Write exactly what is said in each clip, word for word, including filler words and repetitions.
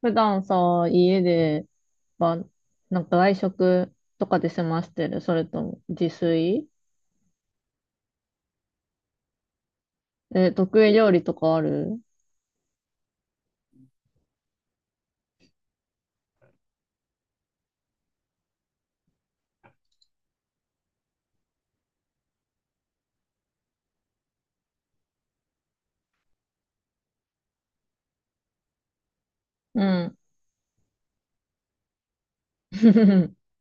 普段さ、家で、ば、なんか外食とかで済ましてる、それとも自炊？え、得意料理とかある？うん。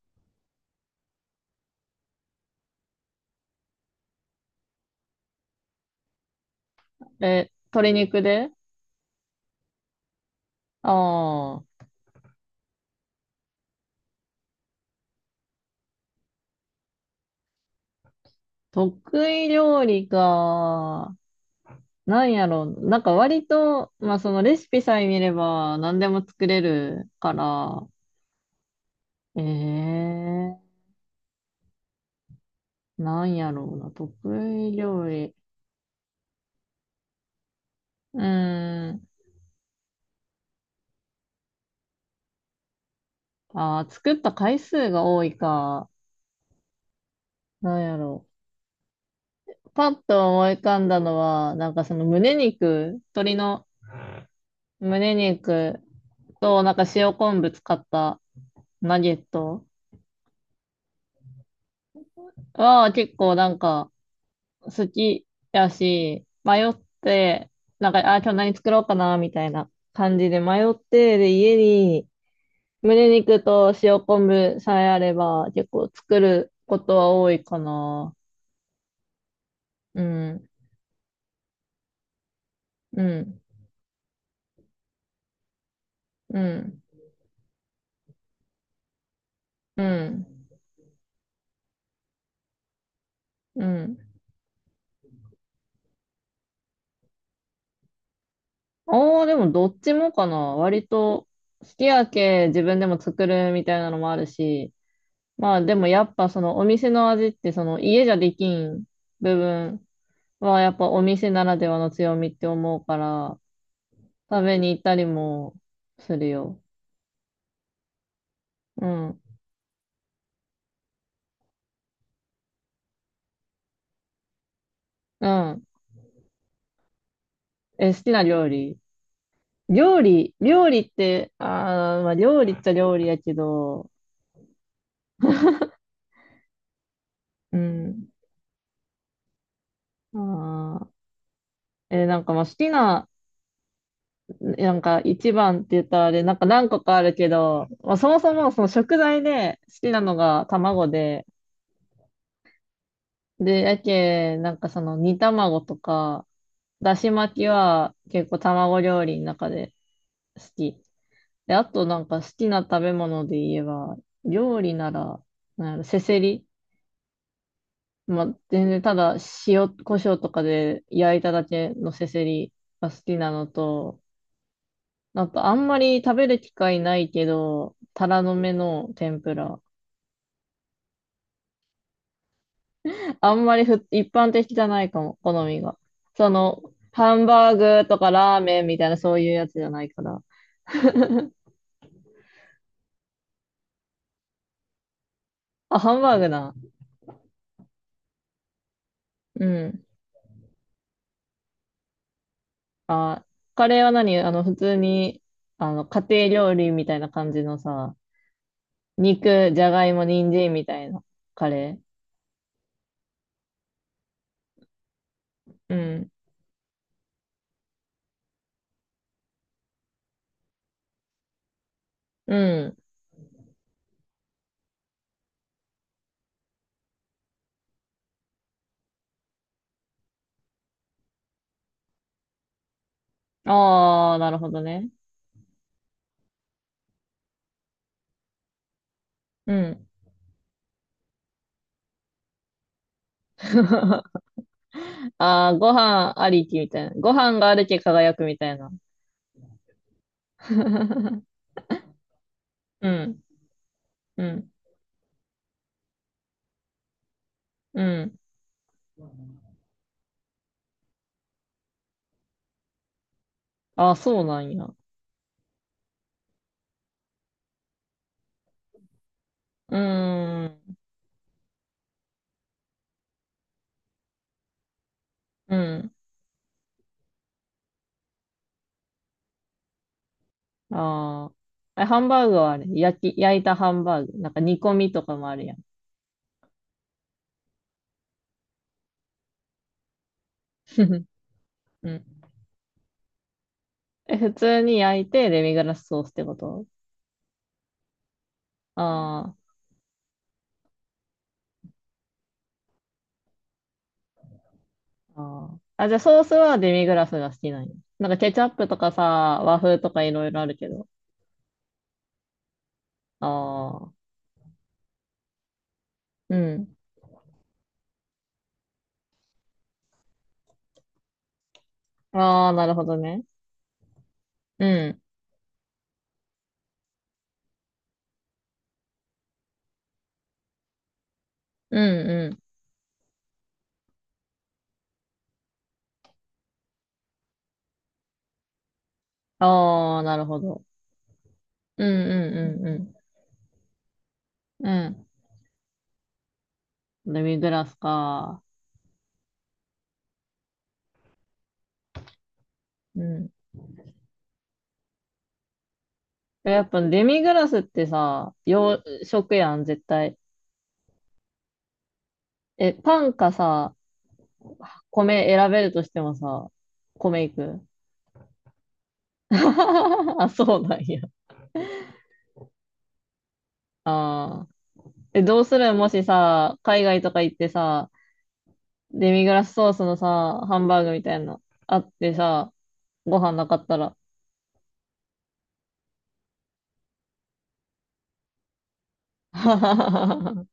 え、鶏肉で？ああー、得意料理か。なんやろう。なんか割と、まあそのレシピさえ見れば何でも作れるから、ええー、なんやろうな。得意料理。うーん。ああ、作った回数が多いか。なんやろう。パッと思い浮かんだのは、なんかその胸肉、鶏の胸肉と、なんか塩昆布使ったナゲットは結構なんか好きやし、迷って、なんか、あ、今日何作ろうかな、みたいな感じで迷って、で、家に胸肉と塩昆布さえあれば、結構作ることは多いかな。うん、うん、うん、うん、うん。ああ、でもどっちもかな。割と、すき焼き自分でも作るみたいなのもあるし、まあでもやっぱそのお店の味ってその家じゃできん部分はやっぱお店ならではの強みって思うから、食べに行ったりもするよ。うん。うん。え、好きな料理。料理、料理って、ああ、まあ料理っちゃ料理やけど、うん。ああ、え、なんかまあ好きな、なんか一番って言ったらあれ、なんか何個かあるけど、まあ、そもそもその食材で好きなのが卵で、で、やけ、なんかその煮卵とか、だし巻きは結構卵料理の中で好き。で、あとなんか好きな食べ物で言えば、料理なら、なんやろせせり。まあ、全然ただ塩、胡椒とかで焼いただけのせせりが好きなのと、なんかあんまり食べる機会ないけど、タラの芽の天ぷら。あんまりふ、一般的じゃないかも、好みが。その、ハンバーグとかラーメンみたいなそういうやつじゃないから。あ、ハンバーグな。うん。あ、カレーは何あの、普通に、あの、家庭料理みたいな感じのさ、肉、じゃがいも、人参みたいなカレー。うん。うん。ああ、なるほどね。うん。ああ、ご飯ありきみたいな。ご飯があるけ輝くみたいな。うん、うん、うん。ああ、そうなんや。うーん、うん。ああ。え、ハンバーグはあれ、焼き、焼いたハンバーグ。なんか煮込みとかもあるやん。うん。え、普通に焼いてデミグラスソースってこと？ああ、ああ。あ、じゃあソースはデミグラスが好きなんや。なんかケチャップとかさ、和風とかいろいろあるけど。ああ、うん。ああ、なるほどね。うん、うん、うん、ああ、なるほど。うんうんうんうんうん。デミグラスか。うん。え、やっぱデミグラスってさ、洋食やん、絶対。え、パンかさ、米選べるとしてもさ、米いく。 あ、そうなんや。ああ。え、どうする、もしさ、海外とか行ってさ、デミグラスソースのさ、ハンバーグみたいなのあってさ、ご飯なかったら。あ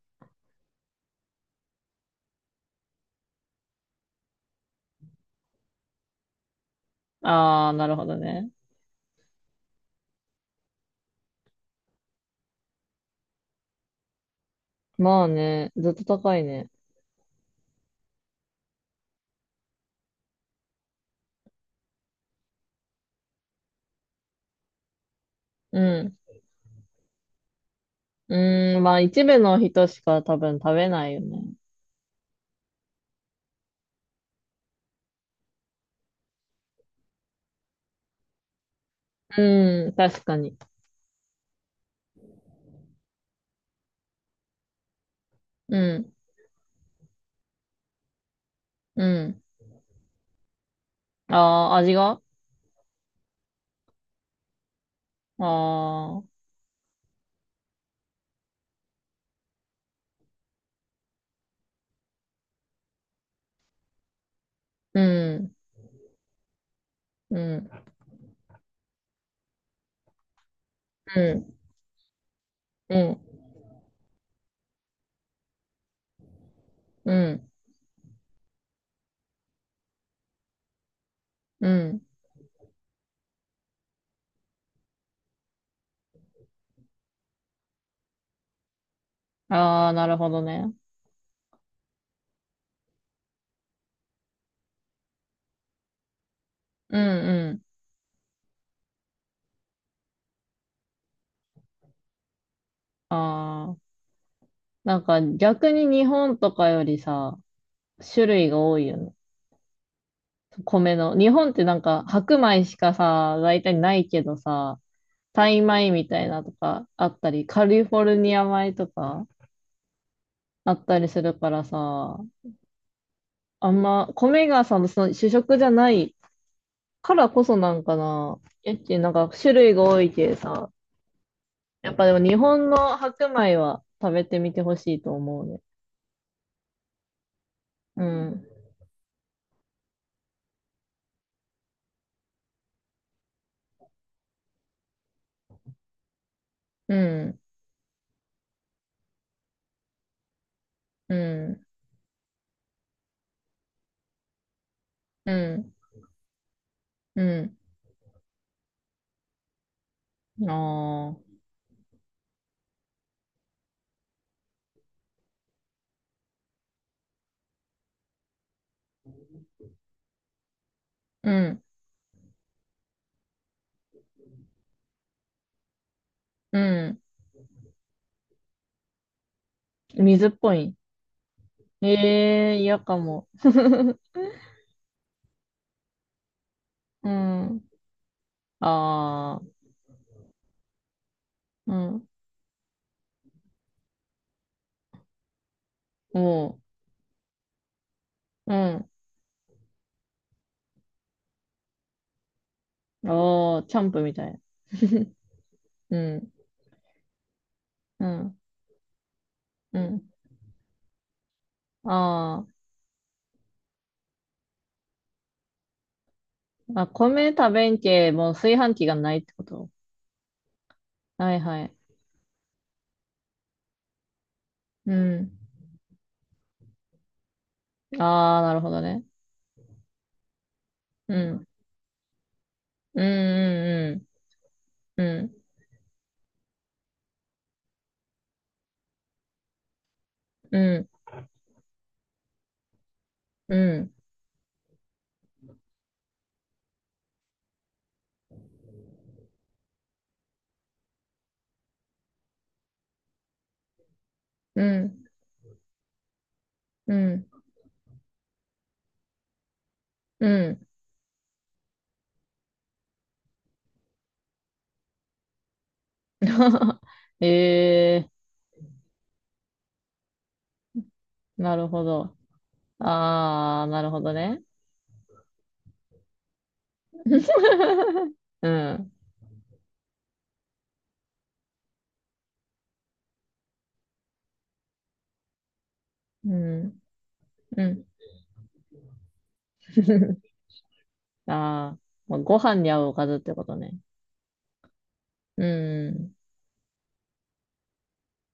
あ、なるほどね。まあね、ずっと高いね。うん。うーん、まあ一部の人しか多分食べないよね。うん、確かに。うん、うん。ああ、味が？ああー、うん、うん、うん、うん、うん、うん。ああ、なるほどね。うん、うん。ああ、なんか逆に日本とかよりさ、種類が多いよね。米の。日本ってなんか白米しかさ、大体ないけどさ、タイ米みたいなとかあったり、カリフォルニア米とか。あったりするからさ、あんま、米がさ、その主食じゃないからこそなんかな。えっち、なんか種類が多いけさ、やっぱでも日本の白米は食べてみてほしいと思うね。うん、うん、うん、うん、うん、ああ、うん、うん。水っぽい。ええ嫌かも。うん、ああ、うん、おう、うん、ああ、チャンプみたい。うん、うん、うん。ああ、あ、米食べんけ、もう炊飯器がないってこと？はいはい。うん。ああ、なるほどね。うん。うん、うん、うん、うん、うん、うん、うん、うん。ええー、なるほど。ああ、なるほどね。うん、うん、うん。ああ、まあご飯に合うおかずってことね。うん。